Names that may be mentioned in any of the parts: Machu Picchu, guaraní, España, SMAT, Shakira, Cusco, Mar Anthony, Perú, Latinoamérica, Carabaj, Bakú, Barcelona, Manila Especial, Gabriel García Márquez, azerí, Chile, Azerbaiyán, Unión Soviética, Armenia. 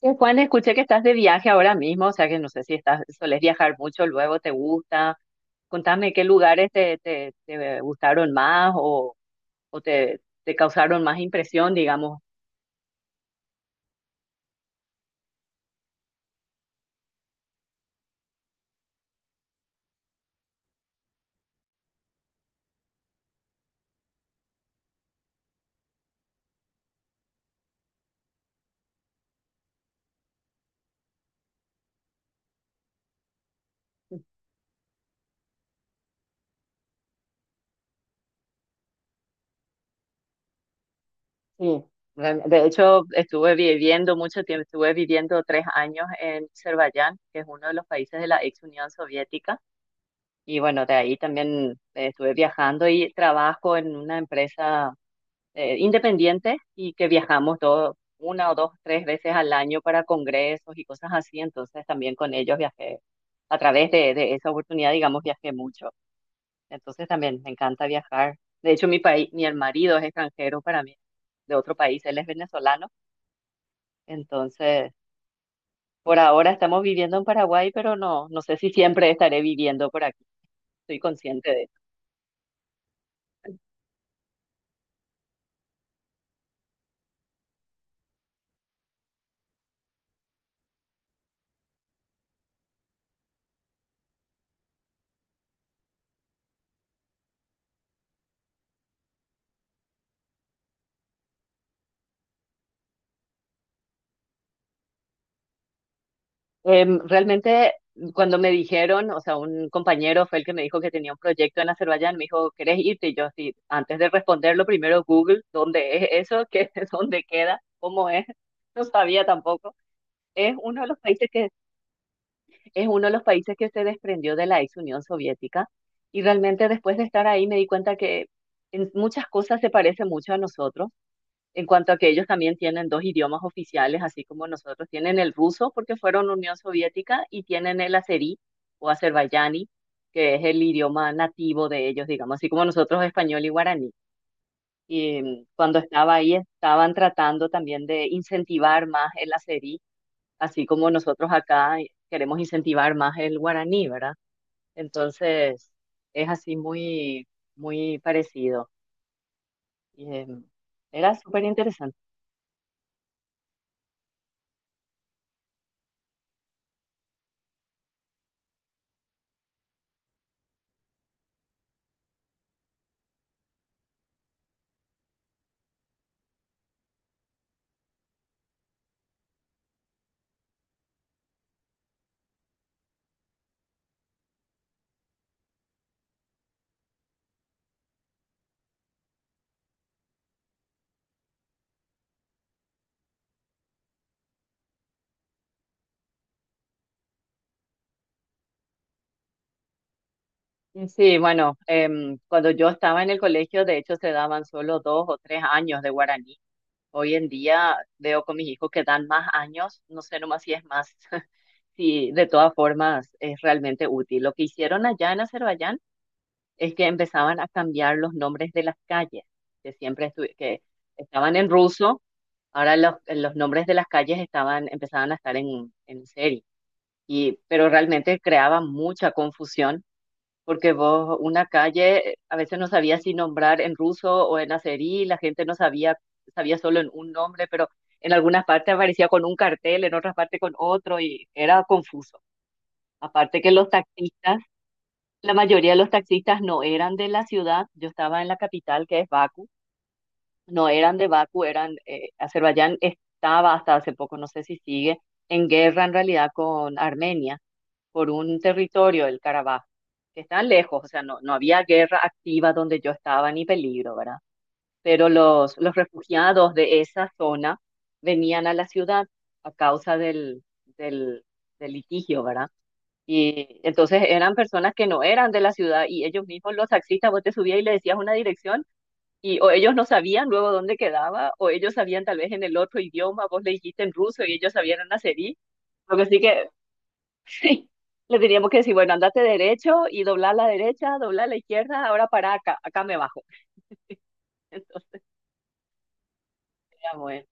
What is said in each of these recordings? Juan, escuché que estás de viaje ahora mismo, o sea que no sé si estás, solés viajar mucho, luego te gusta. Contame qué lugares te gustaron más o, o te causaron más impresión, digamos. Sí. De hecho, estuve viviendo mucho tiempo, estuve viviendo 3 años en Azerbaiyán, que es uno de los países de la ex Unión Soviética. Y bueno, de ahí también estuve viajando y trabajo en una empresa independiente y que viajamos todo, una o dos, 3 veces al año para congresos y cosas así. Entonces también con ellos viajé, a través de esa oportunidad, digamos, viajé mucho. Entonces también me encanta viajar. De hecho, mi país, mi marido es extranjero para mí, de otro país, él es venezolano. Entonces, por ahora estamos viviendo en Paraguay, pero no, no sé si siempre estaré viviendo por aquí. Estoy consciente de realmente, cuando me dijeron, o sea, un compañero fue el que me dijo que tenía un proyecto en Azerbaiyán, me dijo, ¿querés irte? Y yo, sí, antes de responderlo, primero Google, ¿dónde es eso? ¿Qué, dónde queda? ¿Cómo es? No sabía tampoco. Es uno de los países que, es uno de los países que se desprendió de la ex Unión Soviética. Y realmente después de estar ahí me di cuenta que en muchas cosas se parece mucho a nosotros en cuanto a que ellos también tienen 2 idiomas oficiales, así como nosotros. Tienen el ruso, porque fueron Unión Soviética, y tienen el azerí o azerbaiyani, que es el idioma nativo de ellos, digamos, así como nosotros español y guaraní. Y cuando estaba ahí, estaban tratando también de incentivar más el azerí, así como nosotros acá queremos incentivar más el guaraní, ¿verdad? Entonces, es así muy, muy parecido. Y, era súper interesante. Sí, bueno, cuando yo estaba en el colegio, de hecho, se daban solo 2 o 3 años de guaraní. Hoy en día veo con mis hijos que dan más años, no sé nomás si es más, sí, de todas formas es realmente útil. Lo que hicieron allá en Azerbaiyán es que empezaban a cambiar los nombres de las calles, que estaban en ruso, ahora los nombres de las calles estaban, empezaban a estar en serie. Y, pero realmente creaba mucha confusión porque vos, una calle, a veces no sabía si nombrar en ruso o en azerí, la gente no sabía, sabía solo en un nombre, pero en algunas partes aparecía con un cartel, en otras partes con otro, y era confuso. Aparte que los taxistas, la mayoría de los taxistas no eran de la ciudad, yo estaba en la capital, que es Bakú, no eran de Bakú, eran, Azerbaiyán estaba hasta hace poco, no sé si sigue, en guerra en realidad con Armenia por un territorio, el Carabaj, que están lejos, o sea, no, no había guerra activa donde yo estaba ni peligro, ¿verdad? Pero los refugiados de esa zona venían a la ciudad a causa del, del litigio, ¿verdad? Y entonces eran personas que no eran de la ciudad y ellos mismos, los taxistas, vos te subías y le decías una dirección y o ellos no sabían luego dónde quedaba o ellos sabían tal vez en el otro idioma, vos le dijiste en ruso y ellos sabían en azerí. Lo que Sí, le teníamos que decir, bueno, andate derecho y dobla a la derecha, dobla a la izquierda, ahora para acá, acá me bajo. Entonces, ya, bueno,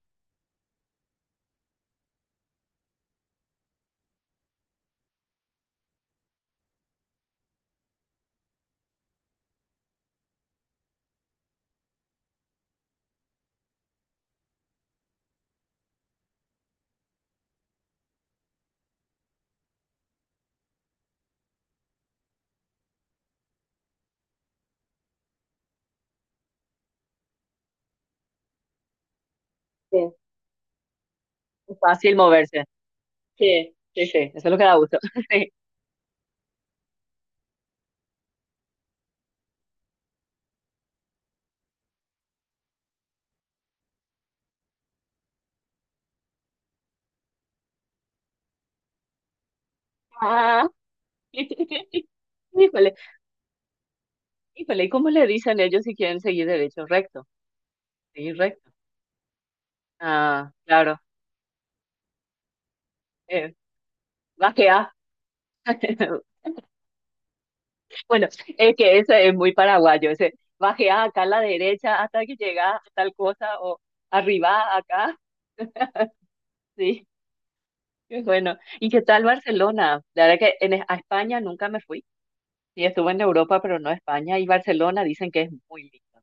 sí, es fácil moverse. Sí, sí, sí, eso es lo que da gusto. Sí. Ah, híjole, híjole, ¿y cómo le dicen ellos si quieren seguir derecho? Recto, seguir recto. Ah, claro, eh, bajea. Bueno, es que ese es muy paraguayo, ese bajea acá a la derecha hasta que llega a tal cosa o arriba acá, sí. Qué bueno. ¿Y qué tal Barcelona? La verdad que en, a España nunca me fui. Sí, estuve en Europa, pero no a España. Y Barcelona dicen que es muy lindo.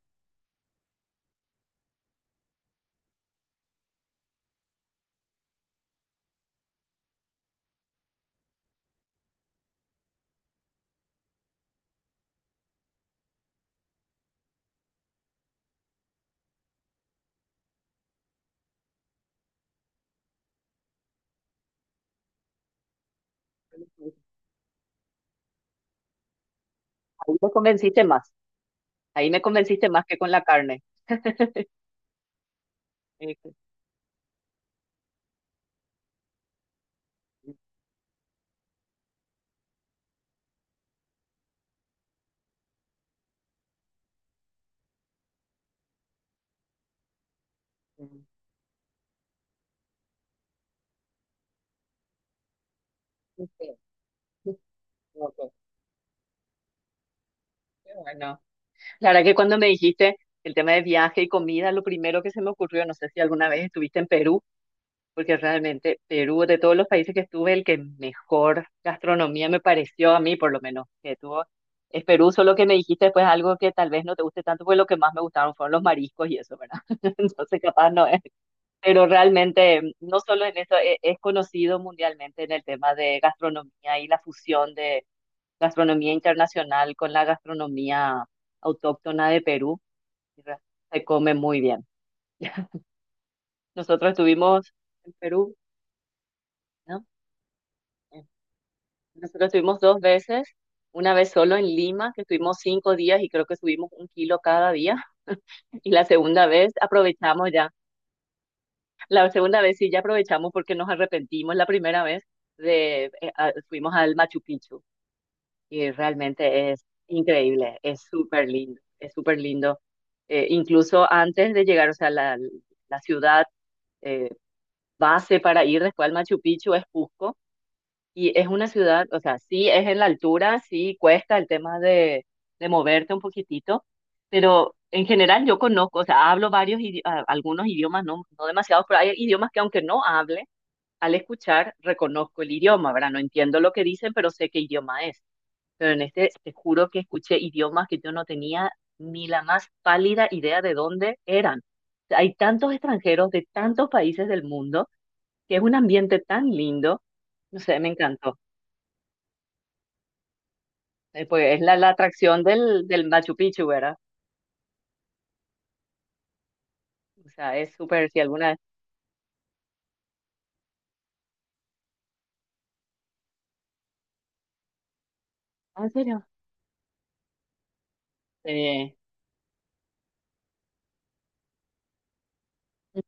Ahí me convenciste más. Ahí me convenciste más que con la carne. Eh, que- Ok, qué bueno. La verdad que cuando me dijiste el tema de viaje y comida, lo primero que se me ocurrió, no sé si alguna vez estuviste en Perú, porque realmente Perú, de todos los países que estuve, el que mejor gastronomía me pareció a mí, por lo menos, que tuvo, es Perú, solo que me dijiste después algo que tal vez no te guste tanto, porque lo que más me gustaron fueron los mariscos y eso, ¿verdad? Entonces, capaz no es, pero realmente, no solo en eso, es, conocido mundialmente en el tema de gastronomía y la fusión de gastronomía internacional con la gastronomía autóctona de Perú, y se come muy bien. Nosotros estuvimos en Perú, ¿no? Nosotros estuvimos 2 veces, una vez solo en Lima, que estuvimos 5 días y creo que subimos un kilo cada día. Y la segunda vez aprovechamos ya, la segunda vez sí ya aprovechamos porque nos arrepentimos la primera vez de, fuimos al Machu Picchu y realmente es increíble, es súper lindo, es súper lindo. Incluso antes de llegar, o sea, la ciudad eh, base para ir después al Machu Picchu es Cusco. Y es una ciudad, o sea, sí es en la altura, sí cuesta el tema de moverte un poquitito, pero en general yo conozco, o sea, hablo varios, algunos idiomas, no, no demasiados, pero hay idiomas que aunque no hable, al escuchar reconozco el idioma, ¿verdad? No entiendo lo que dicen, pero sé qué idioma es. Pero en este te juro que escuché idiomas que yo no tenía ni la más pálida idea de dónde eran. O sea, hay tantos extranjeros de tantos países del mundo, que es un ambiente tan lindo, no sé, me encantó. Pues es la, la atracción del Machu Picchu, ¿verdad? O sea, es súper, si alguna vez. Ah, ¿en serio? eh, o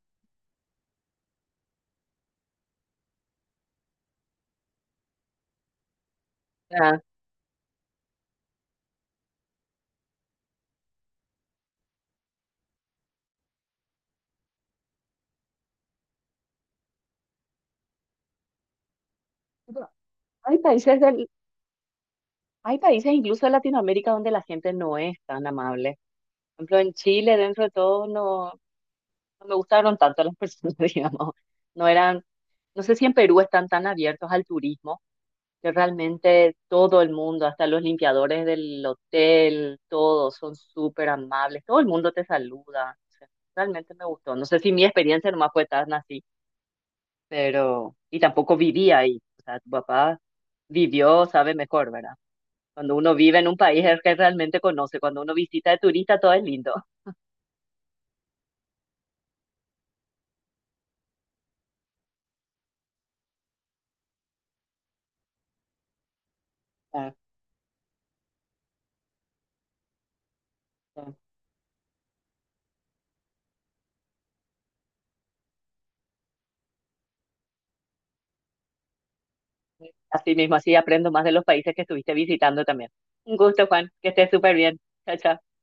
sea, Pero- hay países del, hay países incluso de Latinoamérica donde la gente no es tan amable. Por ejemplo, en Chile, dentro de todo, no, no me gustaron tanto las personas, digamos. No eran, no sé si en Perú están tan abiertos al turismo, que realmente todo el mundo, hasta los limpiadores del hotel, todos son súper amables, todo el mundo te saluda. O sea, realmente me gustó. No sé si mi experiencia nomás fue tan así, pero, y tampoco viví ahí. O sea, tu papá vivió, sabe mejor, ¿verdad? Cuando uno vive en un país es que realmente conoce. Cuando uno visita de turista, todo es lindo. Ah, ah. Así mismo, así aprendo más de los países que estuviste visitando también. Un gusto, Juan, que estés súper bien. Chao, chao.